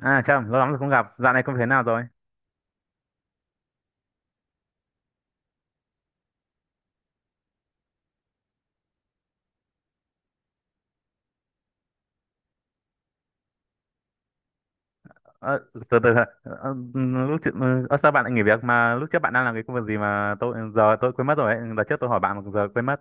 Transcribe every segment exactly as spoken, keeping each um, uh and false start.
À chậm, lâu lắm rồi không gặp. Dạo này công việc nào rồi? Ờ, từ từ ờ, ờ, lúc trước, ờ, sao bạn lại nghỉ việc mà lúc trước bạn đang làm cái công việc gì mà tôi giờ tôi quên mất rồi ấy. Đợt trước tôi hỏi bạn mà giờ quên mất.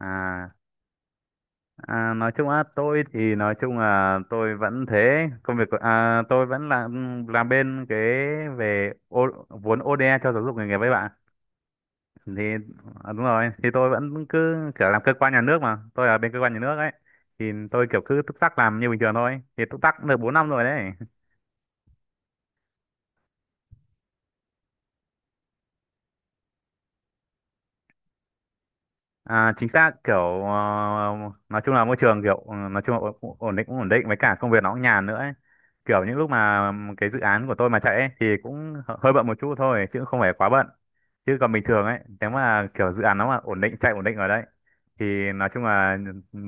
À, à nói chung á tôi thì nói chung là tôi vẫn thế, công việc của- à, tôi vẫn làm làm bên cái về ô, vốn o đê a cho giáo dục nghề nghiệp với bạn. Thì à, đúng rồi, thì tôi vẫn cứ kiểu làm cơ quan nhà nước mà, tôi ở bên cơ quan nhà nước ấy. Thì tôi kiểu cứ túc tắc làm như bình thường thôi. Thì túc tắc cũng được bốn năm rồi đấy. À, chính xác kiểu ờ, nói chung là môi trường kiểu ừ, nói chung là ổn, ổn định cũng ổn định với cả công việc nó cũng nhàn nữa ấy. Kiểu những lúc mà cái dự án của tôi mà chạy ấy, thì cũng hơ- hơi bận một chút thôi chứ không phải quá bận, chứ còn bình thường ấy nếu mà kiểu dự án nó mà ổn định chạy ổn định ở đấy thì nói chung là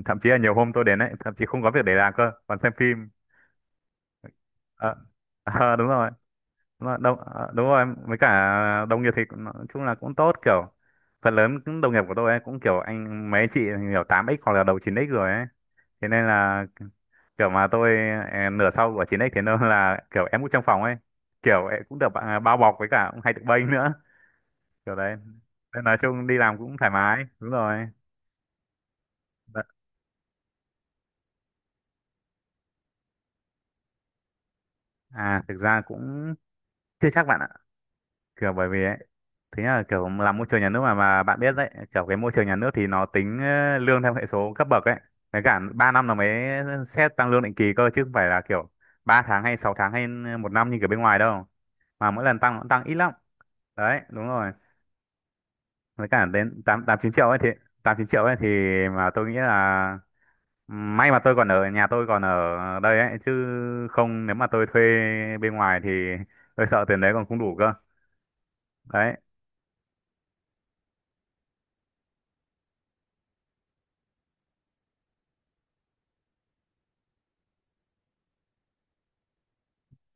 thậm chí là nhiều hôm tôi đến ấy thậm chí không có việc để làm cơ còn xem phim. Ờ, ờ, đúng rồi. Đúng rồi, đồng, ờ, đúng rồi, với cả đồng nghiệp thì cũng- nói chung là cũng tốt, kiểu phần lớn những đồng nghiệp của tôi ấy cũng kiểu anh mấy anh chị kiểu tám x hoặc là đầu chín x rồi ấy. Thế nên là kiểu mà tôi ờ, nửa sau của chín x, thế nên là kiểu em cũng trong phòng ấy, kiểu em cũng được bạn- bao bọc với cả cũng hay được bênh nữa, kiểu đấy. Nên nói chung đi làm cũng thoải mái, đúng rồi. Đ- À thực ra cũng chưa chắc bạn ạ, kiểu bởi vì ấy, thế là kiểu làm môi trường nhà nước mà mà bạn biết đấy, kiểu cái môi trường nhà nước thì nó tính ờ, lương theo hệ số cấp bậc ấy, với cả ba năm là mới xét tăng lương định kỳ cơ chứ không phải là kiểu ba tháng hay sáu tháng hay một năm như kiểu bên ngoài đâu, mà mỗi lần tăng nó cũng tăng ít lắm. Đấy đúng rồi, với cả đến tám tám chín triệu ấy thì tám chín triệu ấy thì, mà tôi nghĩ là may mà tôi còn ở nhà, tôi còn ở đây ấy chứ không nếu mà tôi thuê bên ngoài thì tôi sợ tiền đấy còn không đủ cơ đấy.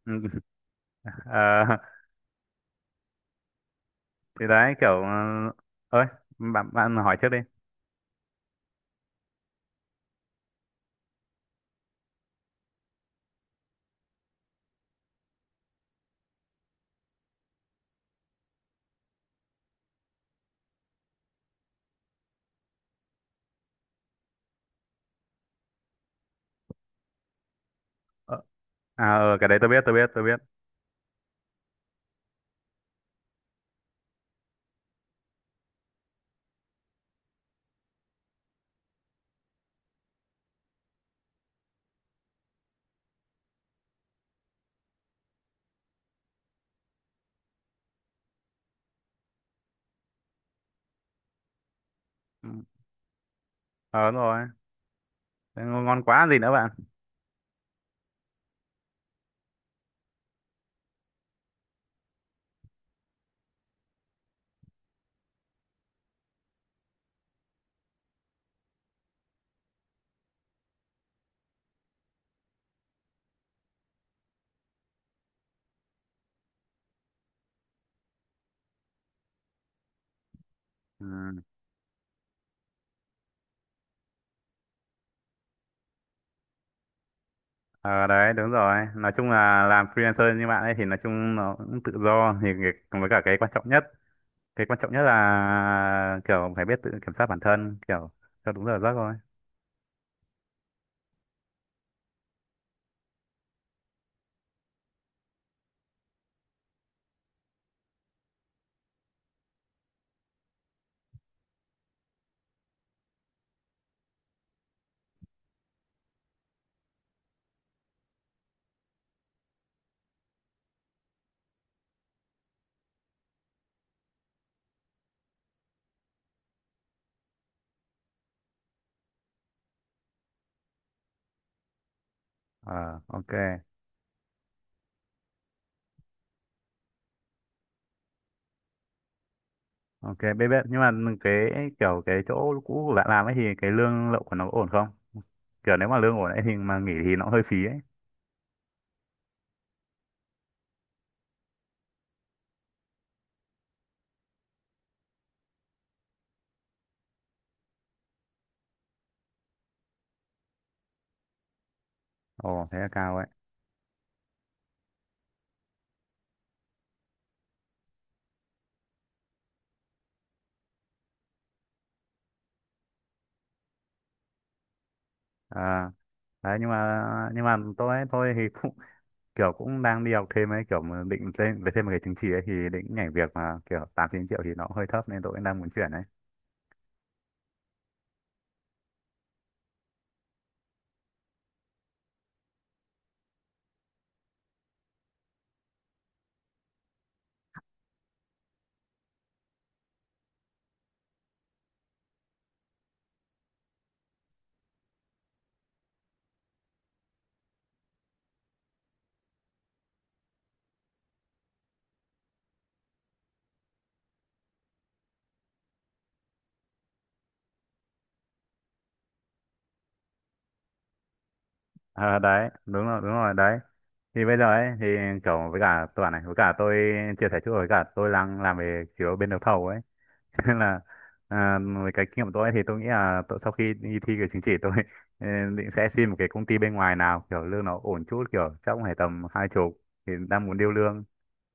Ừ. Ờ, thì đấy kiểu ờ, ơi, bạn bạn hỏi trước đi. Ờ, à ờ, cái đấy tôi biết tôi biết tôi biết. Ừ. ờ đúng rồi. Thế ngon ngon quá gì nữa bạn. Ừ. ờ đấy đúng rồi, nói chung là làm freelancer như bạn ấy thì nói chung nó cũng tự do, thì cái- với cả cái quan trọng nhất, cái quan trọng nhất là kiểu phải biết tự kiểm soát bản thân, kiểu cho đúng giờ giấc thôi. ờ ok. Ok, biết biết nhưng mà cái kiểu cái chỗ cũ của bạn làm ấy thì cái lương lậu của nó có ổn không, kiểu nếu mà lương ổn ấy thì mà nghỉ thì nó hơi phí ấy. Ồ thế là cao ấy. à Đấy nhưng mà nhưng mà tôi ấy, tôi thì cũng kiểu cũng đang đi học thêm ấy, kiểu mà định lên về thêm một cái chứng chỉ ấy thì định nhảy việc mà kiểu tám chín triệu thì nó cũng hơi thấp, nên tôi cũng đang muốn chuyển ấy. À, đấy đúng rồi đúng rồi đấy, thì bây giờ ấy thì kiểu với cả tôi bảo này, với cả tôi chia sẻ chút, với cả tôi đang làm về kiểu bên đấu thầu ấy. Cho nên là à, với cái kinh nghiệm của tôi ấy, thì tôi nghĩ là tôi, sau khi đi thi cái chứng chỉ tôi ờ, định sẽ xin một cái công ty bên ngoài nào kiểu lương nó ổn chút, kiểu chắc cũng phải tầm hai chục, thì đang muốn điêu lương,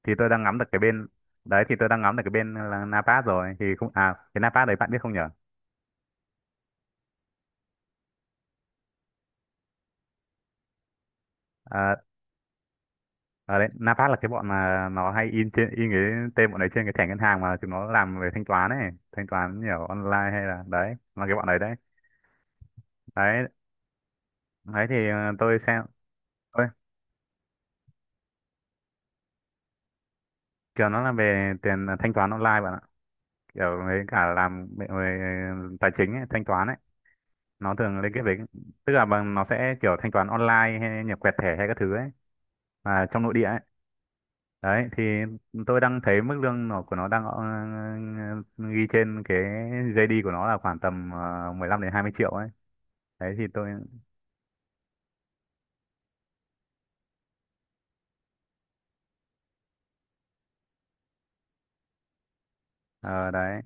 thì tôi đang ngắm được cái bên, đấy thì tôi đang ngắm được cái bên là Napas rồi, thì không à cái Napas đấy bạn biết không nhở. Ờ đấy, Napat là cái bọn mà nó hay in trên in cái tên bọn đấy trên cái thẻ ngân hàng mà chúng nó làm về thanh toán ấy, thanh toán nhiều online hay là đấy, là cái bọn đấy đấy. Đấy, đấy thì ờ, tôi xem ơi, kiểu nó là về tiền ờ, thanh toán online bạn ạ. Kiểu với cả làm về về tài chính ấy, thanh toán ấy, nó thường liên kết với, tức là bằng nó sẽ kiểu thanh toán online hay nhập quẹt thẻ hay các thứ ấy mà trong nội địa ấy. Đấy thì tôi đang thấy mức lương nó của nó đang ờ, ghi trên cái giây đi của nó là khoảng tầm ờ, mười lăm đến hai mươi triệu ấy. Đấy thì tôi ờ, đấy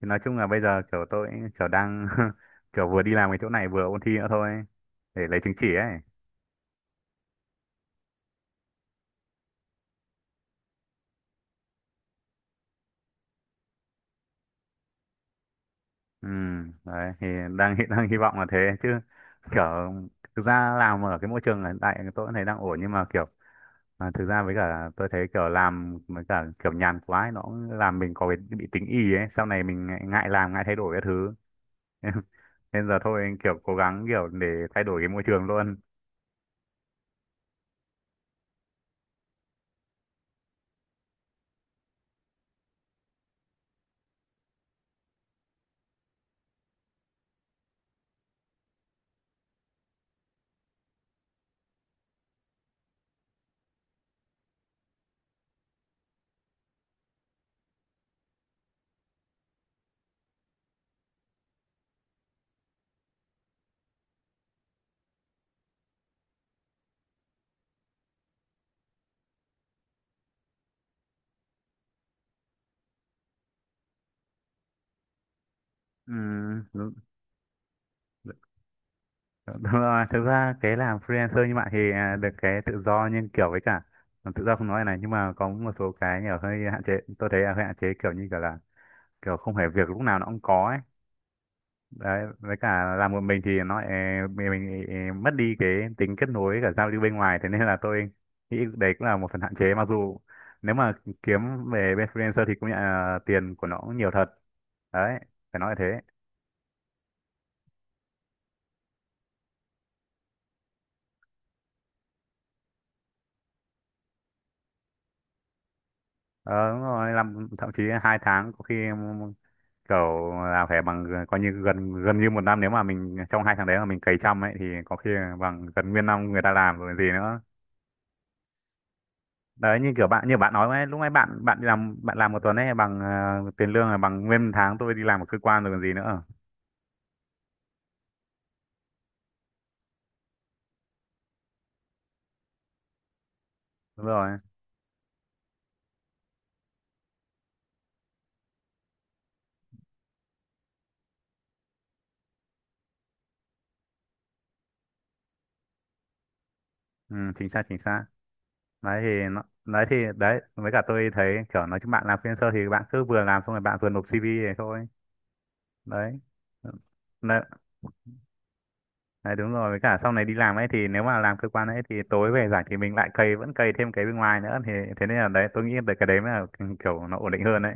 thì nói chung là bây giờ kiểu tôi kiểu đang kiểu vừa đi làm cái chỗ này vừa ôn thi nữa thôi để lấy chứng chỉ ấy. Ừ, đấy thì đang hy- đang hy vọng là thế chứ, kiểu thực ra làm ở cái môi trường hiện tại tôi cũng thấy đang ổn nhưng mà kiểu à, thực ra với cả tôi thấy kiểu làm với cả kiểu nhàn quá ấy, nó cũng làm mình có cái bị tính ì ấy, sau này mình ngại, ngại làm ngại thay đổi cái thứ nên nên giờ thôi kiểu cố gắng kiểu để thay đổi cái môi trường luôn. Ừ, đúng, đúng rồi. thực ra cái làm freelancer như bạn thì à, được cái tự do nhưng kiểu với cả à, tự do không nói này, nhưng mà có một số cái nhỏ hơi hạn chế, tôi thấy là hơi hạn chế, kiểu như kiểu là kiểu không phải việc lúc nào nó cũng có ấy, đấy với cả làm một mình thì nó eh, mình, mình eh, mất đi cái tính kết nối với cả giao lưu bên ngoài, thế nên là tôi nghĩ đấy cũng là một phần hạn chế, mặc dù nếu mà kiếm về bên freelancer thì cũng nhận là tiền của nó cũng nhiều thật đấy, phải nói là thế. ờ, Đúng rồi, làm thậm chí hai tháng có khi kiểu là phải bằng coi như gần gần như một năm, nếu mà mình trong hai tháng đấy mà mình cày chăm ấy thì có khi là bằng gần nguyên năm người ta làm rồi gì nữa. Đấy như kiểu bạn, như bạn nói ấy, lúc nãy bạn bạn đi làm bạn làm một tuần ấy bằng ờ, tiền lương là bằng nguyên tháng tôi đi làm ở cơ quan rồi còn gì nữa. Đúng rồi. Ừ, chính xác chính xác. Đấy thì nó, đấy thì đấy với cả tôi thấy kiểu nói chung bạn làm freelancer thì bạn cứ vừa làm xong rồi bạn vừa nộp xê vê này thôi. Đấy. Đấy, đấy đúng rồi, với cả sau này đi làm ấy thì nếu mà làm cơ quan ấy thì tối về rảnh thì mình lại cày vẫn cày thêm cái bên ngoài nữa, thì thế nên là đấy tôi nghĩ được cái đấy mới là kiểu nó ổn định hơn đấy.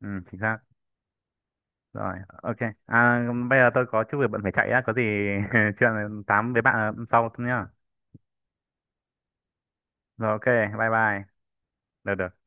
Ừ, chính xác. Rồi, ok. À, bây giờ tôi có chút việc bận phải chạy á, có gì chuyện tám với bạn ờ, sau nhá. Rồi, ok, bye bye. Được, được.